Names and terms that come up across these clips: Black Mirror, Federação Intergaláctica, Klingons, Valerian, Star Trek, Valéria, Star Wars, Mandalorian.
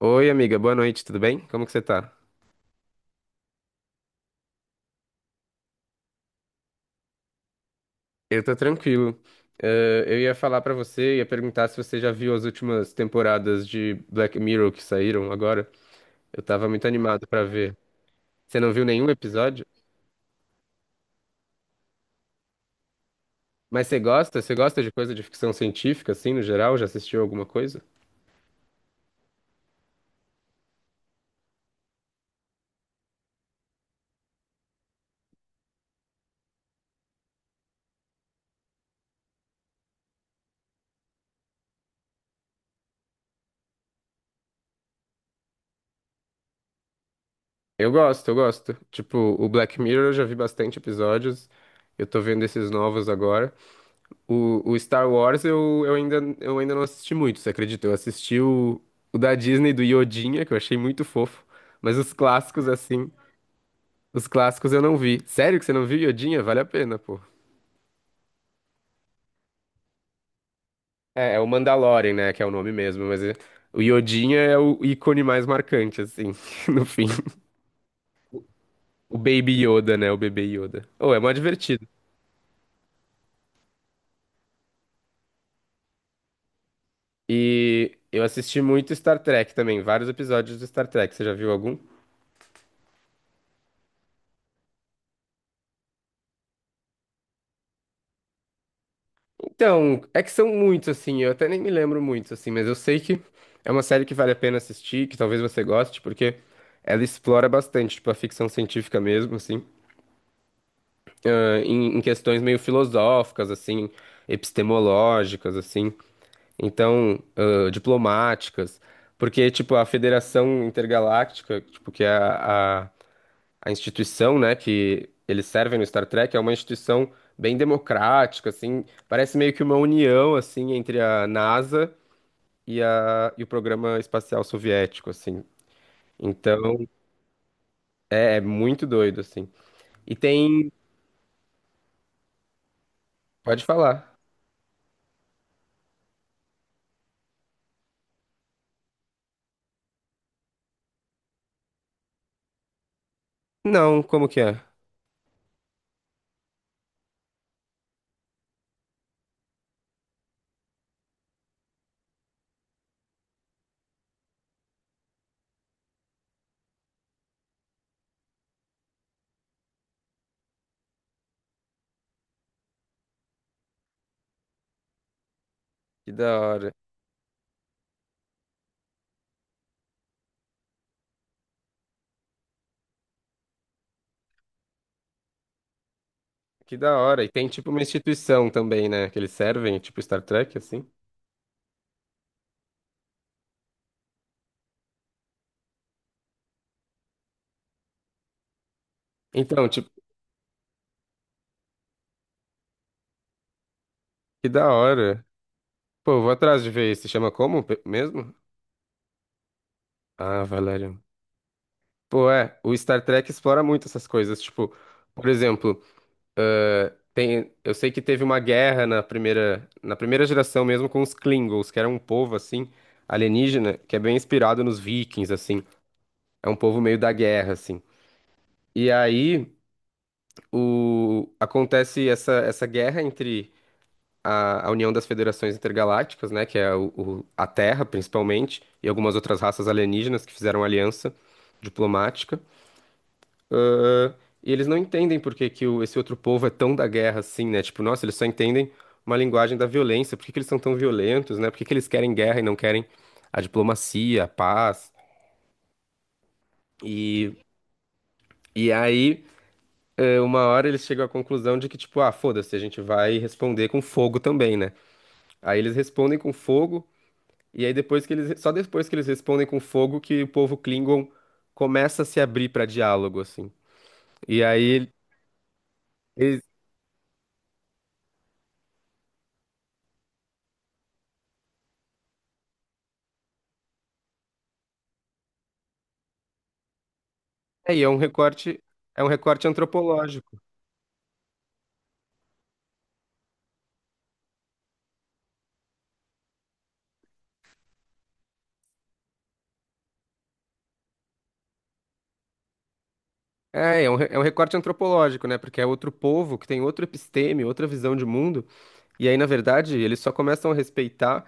Oi, amiga, boa noite, tudo bem? Como que você tá? Eu tô tranquilo. Eu ia falar pra você, ia perguntar se você já viu as últimas temporadas de Black Mirror que saíram agora. Eu tava muito animado pra ver. Você não viu nenhum episódio? Mas você gosta? Você gosta de coisa de ficção científica, assim, no geral? Já assistiu alguma coisa? Eu gosto, eu gosto. Tipo, o Black Mirror eu já vi bastante episódios. Eu tô vendo esses novos agora. O Star Wars eu ainda não assisti muito, você acredita? Eu assisti o da Disney do Yodinha, que eu achei muito fofo. Mas os clássicos, assim, os clássicos eu não vi. Sério que você não viu Yodinha? Vale a pena, pô. É, é o Mandalorian, né? Que é o nome mesmo, mas o Yodinha é o ícone mais marcante, assim, no fim. O Baby Yoda, né? O bebê Yoda. Oh, é mó divertido. E eu assisti muito Star Trek também, vários episódios do Star Trek. Você já viu algum? Então, é que são muitos, assim, eu até nem me lembro muitos assim, mas eu sei que é uma série que vale a pena assistir, que talvez você goste, porque ela explora bastante, tipo, a ficção científica mesmo, assim, em questões meio filosóficas, assim, epistemológicas, assim, então, diplomáticas, porque, tipo, a Federação Intergaláctica, tipo, que é a a instituição, né, que eles servem no Star Trek é uma instituição bem democrática, assim, parece meio que uma união, assim, entre a NASA e o programa espacial soviético, assim. Então, é, é muito doido, assim. E tem... Pode falar. Não, como que é? Que da hora. Que da hora. E tem, tipo, uma instituição também, né, que eles servem, tipo Star Trek, assim. Então, tipo, que da hora. Pô, eu vou atrás de ver. Se chama como mesmo? Ah, Valéria. Pô, é, o Star Trek explora muito essas coisas, tipo, por exemplo, tem, eu sei que teve uma guerra na primeira geração mesmo com os Klingons, que era um povo assim alienígena, que é bem inspirado nos Vikings assim. É um povo meio da guerra assim. E aí o acontece essa guerra entre a União das Federações Intergalácticas, né, que é a Terra principalmente, e algumas outras raças alienígenas que fizeram aliança diplomática. E eles não entendem por que que esse outro povo é tão da guerra assim, né? Tipo, nossa, eles só entendem uma linguagem da violência. Por que que eles são tão violentos, né? Por que que eles querem guerra e não querem a diplomacia, a paz? E, e aí, é, uma hora eles chegam à conclusão de que, tipo, ah, foda-se, a gente vai responder com fogo também, né? Aí eles respondem com fogo, e aí depois que eles, só depois que eles respondem com fogo que o povo Klingon começa a se abrir pra diálogo, assim. E aí, eles, é, e é um recorte antropológico. É, é um, é um recorte antropológico, né? Porque é outro povo que tem outro episteme, outra visão de mundo. E aí, na verdade, eles só começam a respeitar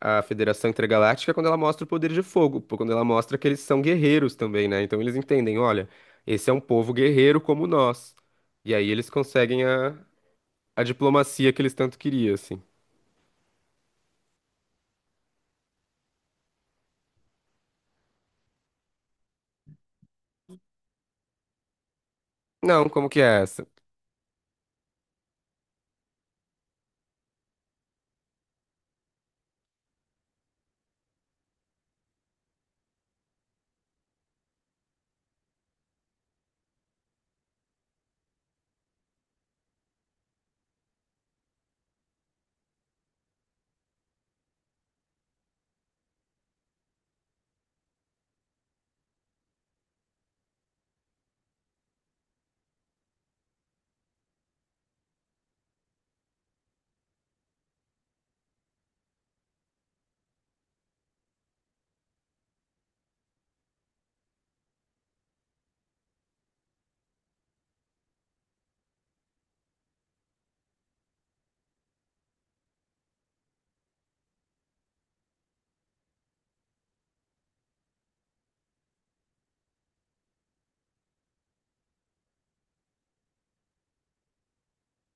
a Federação Intergaláctica quando ela mostra o poder de fogo, pô, quando ela mostra que eles são guerreiros também, né? Então eles entendem, olha, esse é um povo guerreiro como nós. E aí eles conseguem a diplomacia que eles tanto queriam, assim. Não, como que é essa?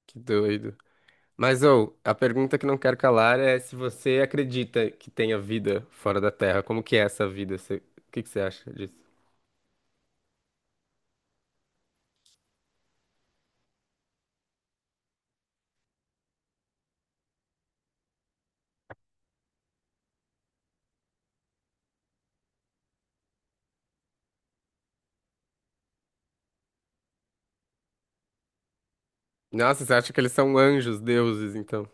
Que doido. Mas, ou, a pergunta que não quero calar é se você acredita que tenha vida fora da Terra. Como que é essa vida? Você- O que que você acha disso? Nossa, você acha que eles são anjos, deuses, então?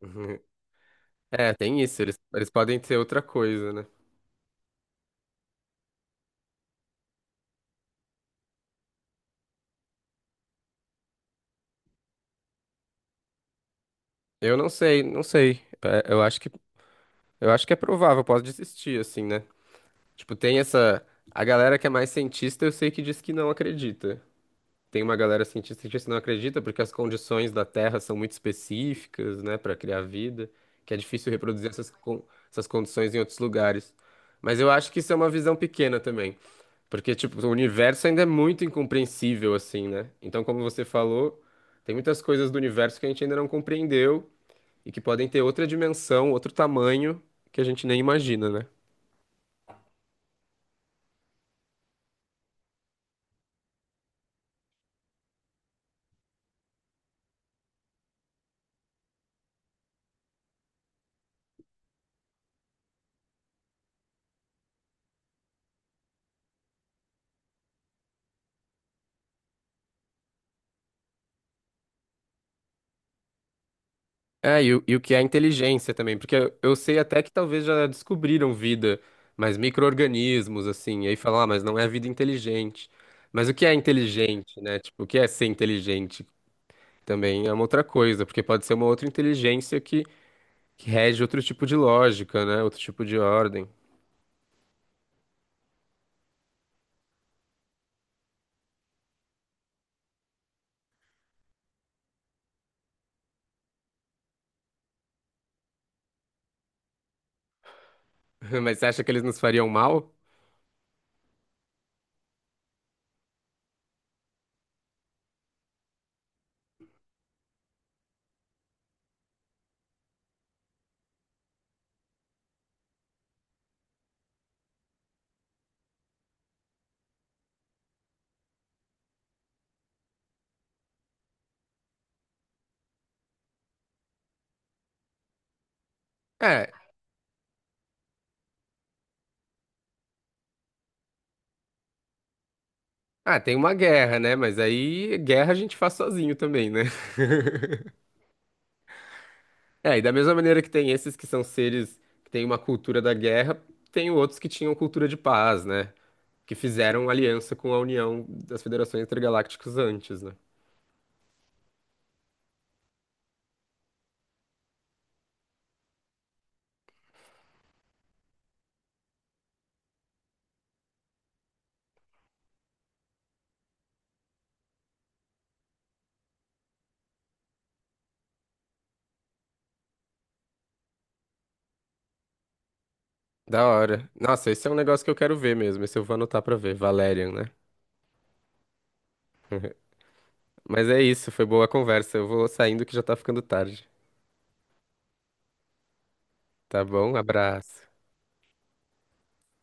É, tem isso. Eles podem ser outra coisa, né? Eu não sei, não sei. É, eu acho que é provável. Posso desistir, assim, né? Tipo, tem essa... A galera que é mais cientista, eu sei que diz que não acredita. Tem uma galera cientista que não acredita porque as condições da Terra são muito específicas, né, para criar vida, que é difícil reproduzir essas, essas condições em outros lugares. Mas eu acho que isso é uma visão pequena também, porque tipo, o universo ainda é muito incompreensível assim, né? Então, como você falou, tem muitas coisas do universo que a gente ainda não compreendeu e que podem ter outra dimensão, outro tamanho que a gente nem imagina, né? É, e o que é inteligência também, porque eu sei até que talvez já descobriram vida, mas micro-organismos, assim, e aí falam, ah, mas não é vida inteligente. Mas o que é inteligente, né? Tipo, o que é ser inteligente também é uma outra coisa, porque pode ser uma outra inteligência que rege outro tipo de lógica, né? Outro tipo de ordem. Mas você acha que eles nos fariam mal? É. Ah, tem uma guerra, né? Mas aí guerra a gente faz sozinho também, né? É, e da mesma maneira que tem esses que são seres que têm uma cultura da guerra, tem outros que tinham cultura de paz, né? Que fizeram aliança com a União das Federações Intergalácticas antes, né? Da hora. Nossa, esse é um negócio que eu quero ver mesmo. Esse eu vou anotar pra ver. Valerian, né? Mas é isso, foi boa a conversa. Eu vou saindo que já tá ficando tarde. Tá bom? Abraço.